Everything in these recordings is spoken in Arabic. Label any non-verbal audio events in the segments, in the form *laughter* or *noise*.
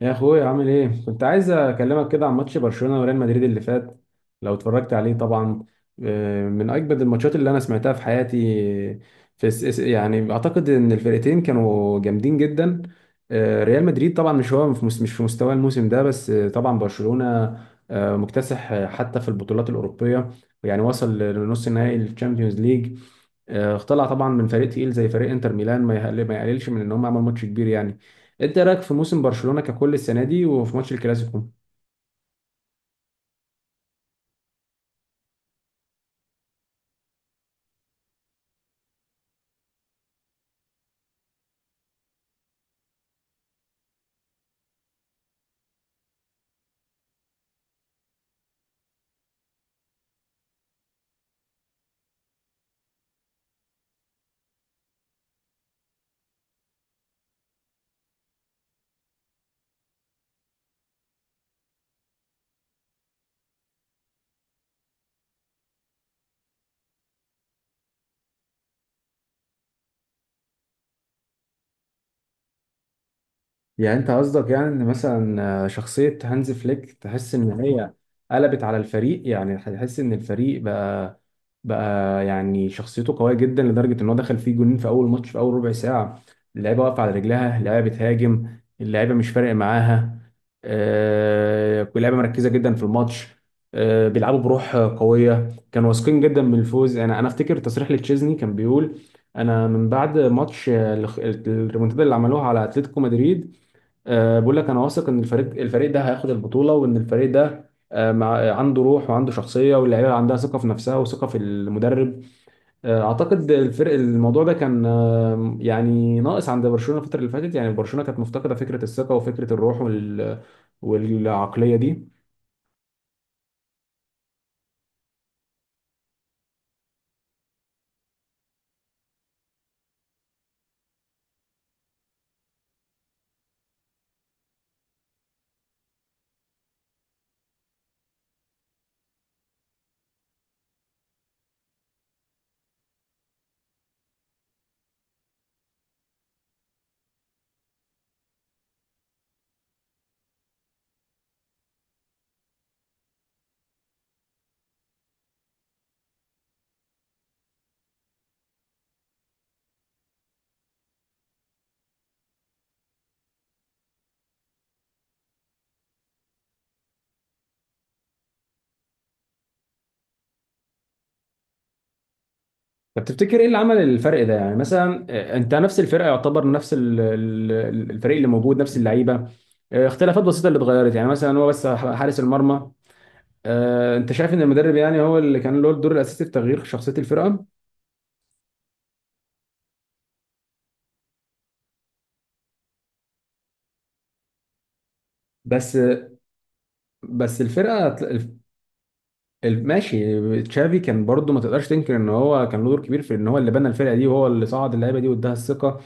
يا اخويا، عامل ايه؟ كنت عايز اكلمك كده عن ماتش برشلونة وريال مدريد اللي فات، لو اتفرجت عليه طبعا. من اجمد الماتشات اللي انا سمعتها في حياتي. في يعني اعتقد ان الفرقتين كانوا جامدين جدا. ريال مدريد طبعا مش هو في مش في مستوى الموسم ده، بس طبعا برشلونة مكتسح، حتى في البطولات الأوروبية. يعني وصل لنص نهائي الشامبيونز ليج. طلع طبعا من فريق تقيل زي فريق انتر ميلان، ما يقللش من ان هم عملوا ماتش كبير. يعني انت إيه رايك في موسم برشلونة ككل السنة دي وفي ماتش الكلاسيكو؟ يعني انت قصدك يعني ان مثلا شخصية هانز فليك تحس ان هي قلبت على الفريق، يعني تحس ان الفريق بقى يعني شخصيته قوية جدا لدرجة ان هو دخل فيه جولين في اول ماتش في اول ربع ساعة. اللعيبة واقفة على رجلها، اللعيبة بتهاجم، اللعيبة مش فارق معاها. اللعيبة مركزة جدا في الماتش. بيلعبوا بروح قوية، كانوا واثقين جدا من الفوز. انا افتكر تصريح لتشيزني كان بيقول: انا من بعد ماتش الريمونتادا اللي عملوها على اتلتيكو مدريد، بقول لك انا واثق ان الفريق ده هياخد البطوله، وان الفريق ده مع عنده روح وعنده شخصيه، واللعيبه عندها ثقه في نفسها وثقه في المدرب. اعتقد الفرق، الموضوع ده كان يعني ناقص عند برشلونه الفتره اللي فاتت. يعني برشلونه كانت مفتقده فكره الثقه وفكره الروح والعقليه دي. طب تفتكر ايه اللي عمل الفرق ده؟ يعني مثلا انت نفس الفرقه، يعتبر نفس الفريق اللي موجود، نفس اللعيبه، اختلافات بسيطه اللي اتغيرت، يعني مثلا هو بس حارس المرمى. انت شايف ان المدرب يعني هو اللي كان له الدور الاساسي في تغيير شخصيه الفرقه؟ بس بس الفرقه ماشي، تشافي كان برضو ما تقدرش تنكر ان هو كان له دور كبير في ان هو اللي بنى الفرقه دي، وهو اللي صعد اللعيبه دي واداها الثقه،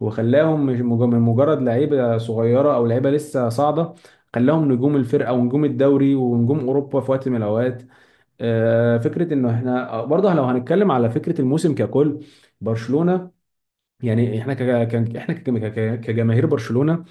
وخلاهم مش مج- من مجرد لعيبه صغيره او لعيبه لسه صاعده، خلاهم نجوم الفرقه ونجوم الدوري ونجوم اوروبا في وقت من الاوقات. فكره انه احنا برضه لو هنتكلم على فكره الموسم ككل، برشلونه، يعني احنا كجماهير برشلونه.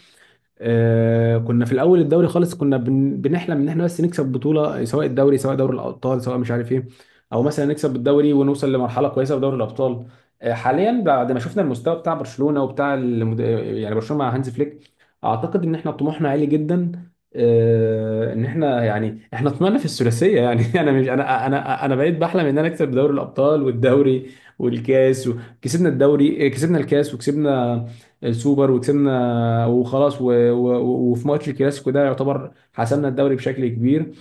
كنا في الاول الدوري خالص، كنا بنحلم ان احنا بس نكسب بطوله، سواء الدوري، سواء دوري الابطال، سواء مش عارف ايه، او مثلا نكسب الدوري ونوصل لمرحله كويسه في دوري الابطال. حاليا بعد ما شفنا المستوى بتاع برشلونه وبتاع يعني برشلونه مع هانز فليك، اعتقد ان احنا طموحنا عالي جدا. ان احنا يعني احنا طمعنا في الثلاثيه يعني. *laughs* انا مش انا انا انا بقيت بحلم ان انا اكسب دوري الابطال والدوري والكاس، وكسبنا الدوري، كسبنا الكاس وكسبنا السوبر، وكسبنا وخلاص وفي ماتش الكلاسيكو ده، يعتبر حسمنا الدوري بشكل كبير.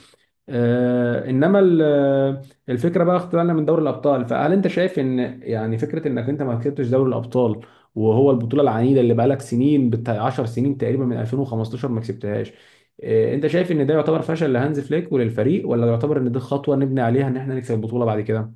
انما الفكره بقى، اختلالنا من دوري الابطال. فهل انت شايف ان يعني فكره انك انت ما كسبتش دوري الابطال، وهو البطوله العنيده اللي بقالك سنين، بتاع 10 سنين تقريبا، من 2015 ما كسبتهاش؟ انت شايف ان ده يعتبر فشل لهانز فليك وللفريق، ولا يعتبر ان دي خطوه نبني عليها ان احنا نكسب البطوله بعد كده؟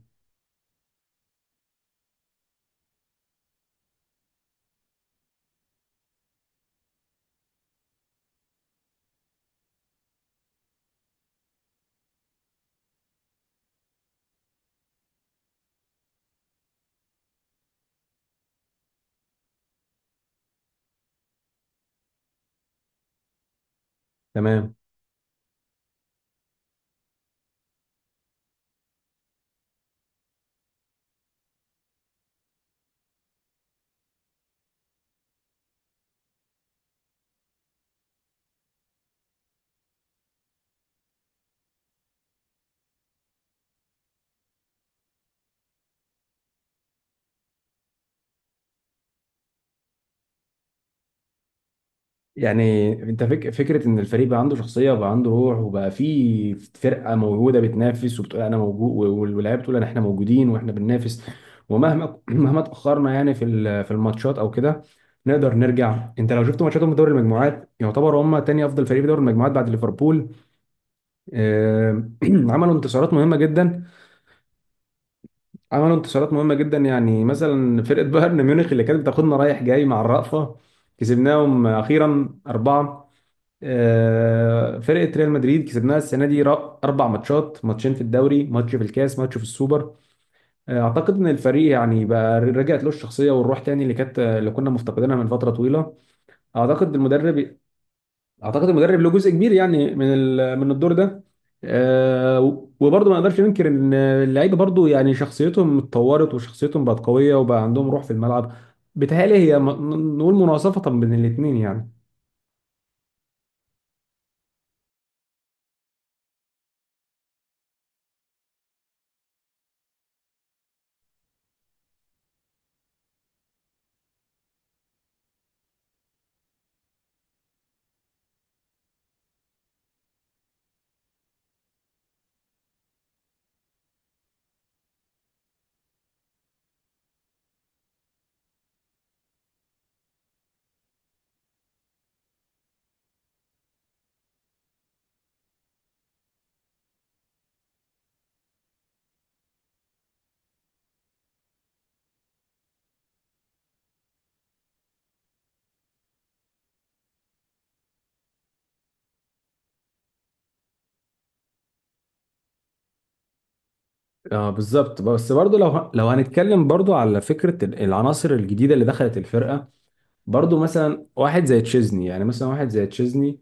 تمام. يعني انت فكره ان الفريق بقى عنده شخصيه وبقى عنده روح، وبقى في فرقه موجوده بتنافس وبتقول انا موجود، واللاعب بتقول انا، احنا موجودين واحنا بننافس. ومهما *clears throat* مهما اتاخرنا يعني في الماتشات او كده، نقدر نرجع. انت لو شفت ماتشاتهم في دوري المجموعات، يعتبر هم تاني افضل فريق في دوري المجموعات بعد ليفربول. آه، *clears throat* عملوا انتصارات مهمه جدا عملوا انتصارات مهمه جدا. يعني مثلا فرقه بايرن ميونخ اللي كانت بتاخدنا رايح جاي مع الرأفه، كسبناهم اخيرا اربعه. فرقه ريال مدريد كسبناها السنه دي، اربع ماتشات، ماتشين في الدوري، ماتش في الكاس، ماتش في السوبر. اعتقد ان الفريق يعني بقى رجعت له الشخصيه والروح تاني، اللي كانت آه، اللي كنا مفتقدينها من فتره طويله. اعتقد المدرب اعتقد المدرب له جزء كبير يعني من الدور ده. وبرضه ما نقدرش ننكر ان اللعيبه برضه يعني شخصيتهم اتطورت، وشخصيتهم بقت قويه، وبقى عندهم روح في الملعب. بتهيألي هي نقول مناصفه بين الاثنين يعني. اه بالظبط، بس برضو لو هنتكلم برضو على فكره العناصر الجديده اللي دخلت الفرقه، برضو مثلا واحد زي تشيزني.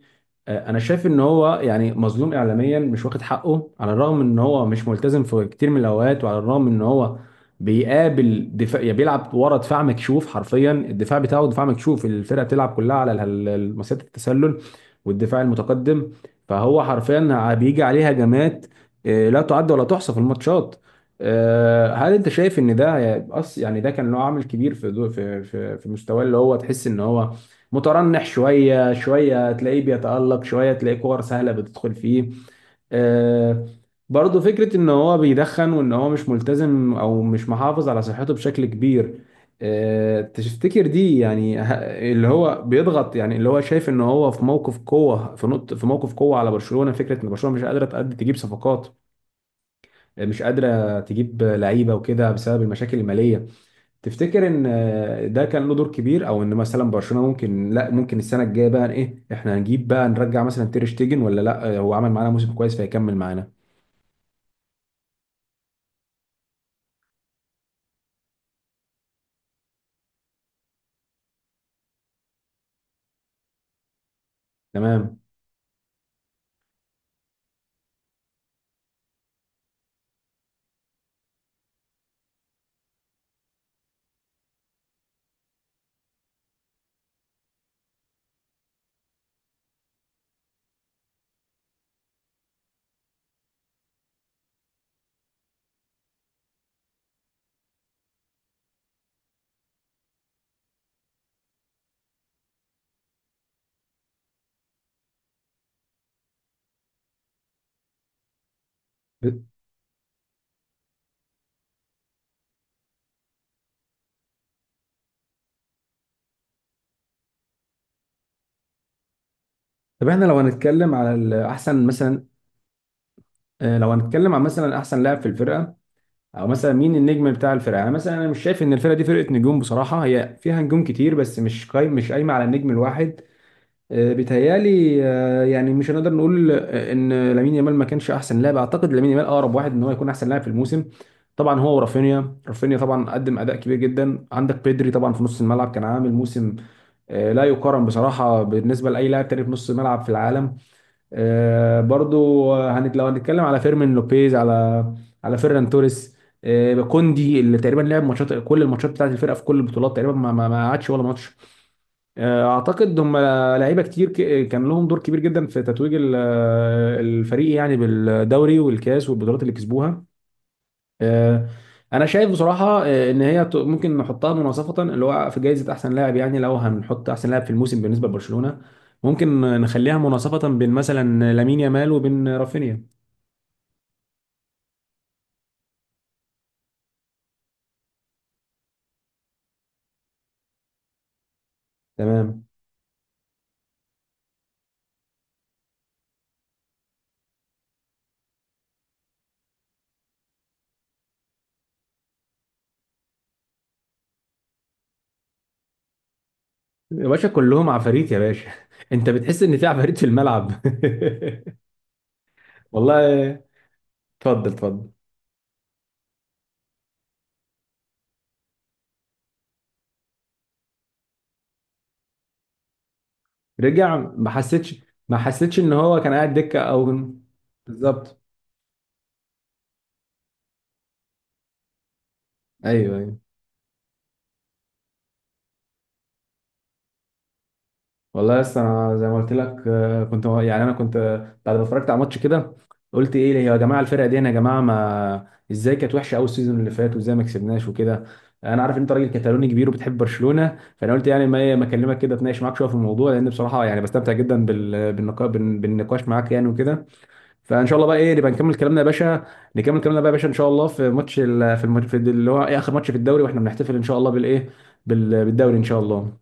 انا شايف ان هو يعني مظلوم اعلاميا، مش واخد حقه، على الرغم ان هو مش ملتزم في كتير من الاوقات، وعلى الرغم ان هو بيقابل دفاع، يعني بيلعب ورا دفاع مكشوف، حرفيا الدفاع بتاعه دفاع مكشوف، الفرقه بتلعب كلها على مسيره التسلل والدفاع المتقدم، فهو حرفيا بيجي عليه هجمات لا تعد ولا تحصى في الماتشات. هل انت شايف ان ده يعني ده كان له عامل كبير في دو في في في مستواه، اللي هو تحس ان هو مترنح شويه، شويه تلاقيه بيتألق، شويه تلاقيه كور سهله بتدخل فيه. آه، برضه فكره ان هو بيدخن، وان هو مش ملتزم او مش محافظ على صحته بشكل كبير. تفتكر دي يعني اللي هو بيضغط، يعني اللي هو شايف ان هو في موقف قوه، في موقف قوه على برشلونه، فكره ان برشلونه مش قادره تأدي تجيب صفقات، مش قادره تجيب لعيبه وكده، بسبب المشاكل الماليه. تفتكر ان ده كان له دور كبير؟ او ان مثلا برشلونه ممكن لا، ممكن السنه الجايه بقى ايه، احنا هنجيب بقى نرجع مثلا تير شتيجن ولا لا؟ هو عمل معانا موسم كويس فيكمل معانا؟ تمام. طب احنا لو هنتكلم على احسن مثلا لو هنتكلم عن مثلا احسن لاعب في الفرقه، او مثلا مين النجم بتاع الفرقه؟ يعني مثلا انا مش شايف ان الفرقه دي فرقه نجوم بصراحه، هي فيها نجوم كتير بس مش قايمه على النجم الواحد. بيتهيألي يعني مش هنقدر نقول ان لامين يامال ما كانش احسن لاعب، اعتقد لامين يامال اقرب واحد ان هو يكون احسن لاعب في الموسم. طبعا هو ورافينيا، رافينيا طبعا قدم اداء كبير جدا، عندك بيدري طبعا في نص الملعب كان عامل موسم لا يقارن بصراحه بالنسبه لاي لاعب تاني في نص الملعب في العالم. برضو لو هنتكلم على فيرمين لوبيز، على فيران توريس، كوندي اللي تقريبا لعب ماتشات، كل الماتشات بتاعت الفرقه في كل البطولات تقريبا، ما قعدش ولا ماتش. اعتقد هم لعيبه كتير، كان لهم دور كبير جدا في تتويج الفريق، يعني بالدوري والكاس والبطولات اللي كسبوها. أه، انا شايف بصراحه ان هي ممكن نحطها مناصفه، اللي هو في جائزه احسن لاعب، يعني لو هنحط احسن لاعب في الموسم بالنسبه لبرشلونه، ممكن نخليها مناصفه بين مثلا لامين يامال وبين رافينيا. تمام يا باشا، كلهم عفاريت يا باشا. *laughs* انت بتحس ان في عفاريت في الملعب. *laughs* والله، اتفضل اتفضل. رجع، ما حسيتش، ما حسيتش ان هو كان قاعد دكه او... بالظبط. ايوه، ايوه والله. لسه انا زي ما قلت لك كنت يعني انا كنت بعد ما اتفرجت على ماتش كده، قلت ايه يا جماعه الفرقه دي، انا يا جماعه ما ازاي كانت وحشه قوي السيزون اللي فات، وازاي ما كسبناش وكده. انا عارف ان انت راجل كتالوني كبير وبتحب برشلونه، فانا قلت يعني ما اكلمك كده، اتناقش معاك شويه في الموضوع، لان بصراحه يعني بستمتع جدا بالنقاش معاك يعني وكده. فان شاء الله بقى ايه، نبقى نكمل كلامنا يا باشا، نكمل كلامنا بقى يا باشا ان شاء الله في في الماتش اللي هو إيه، اخر ماتش في الدوري، واحنا بنحتفل ان شاء الله بالدوري ان شاء الله.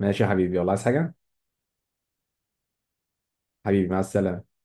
ماشي يا حبيبي والله، عايز حاجه؟ حبيبي، مع السلامه.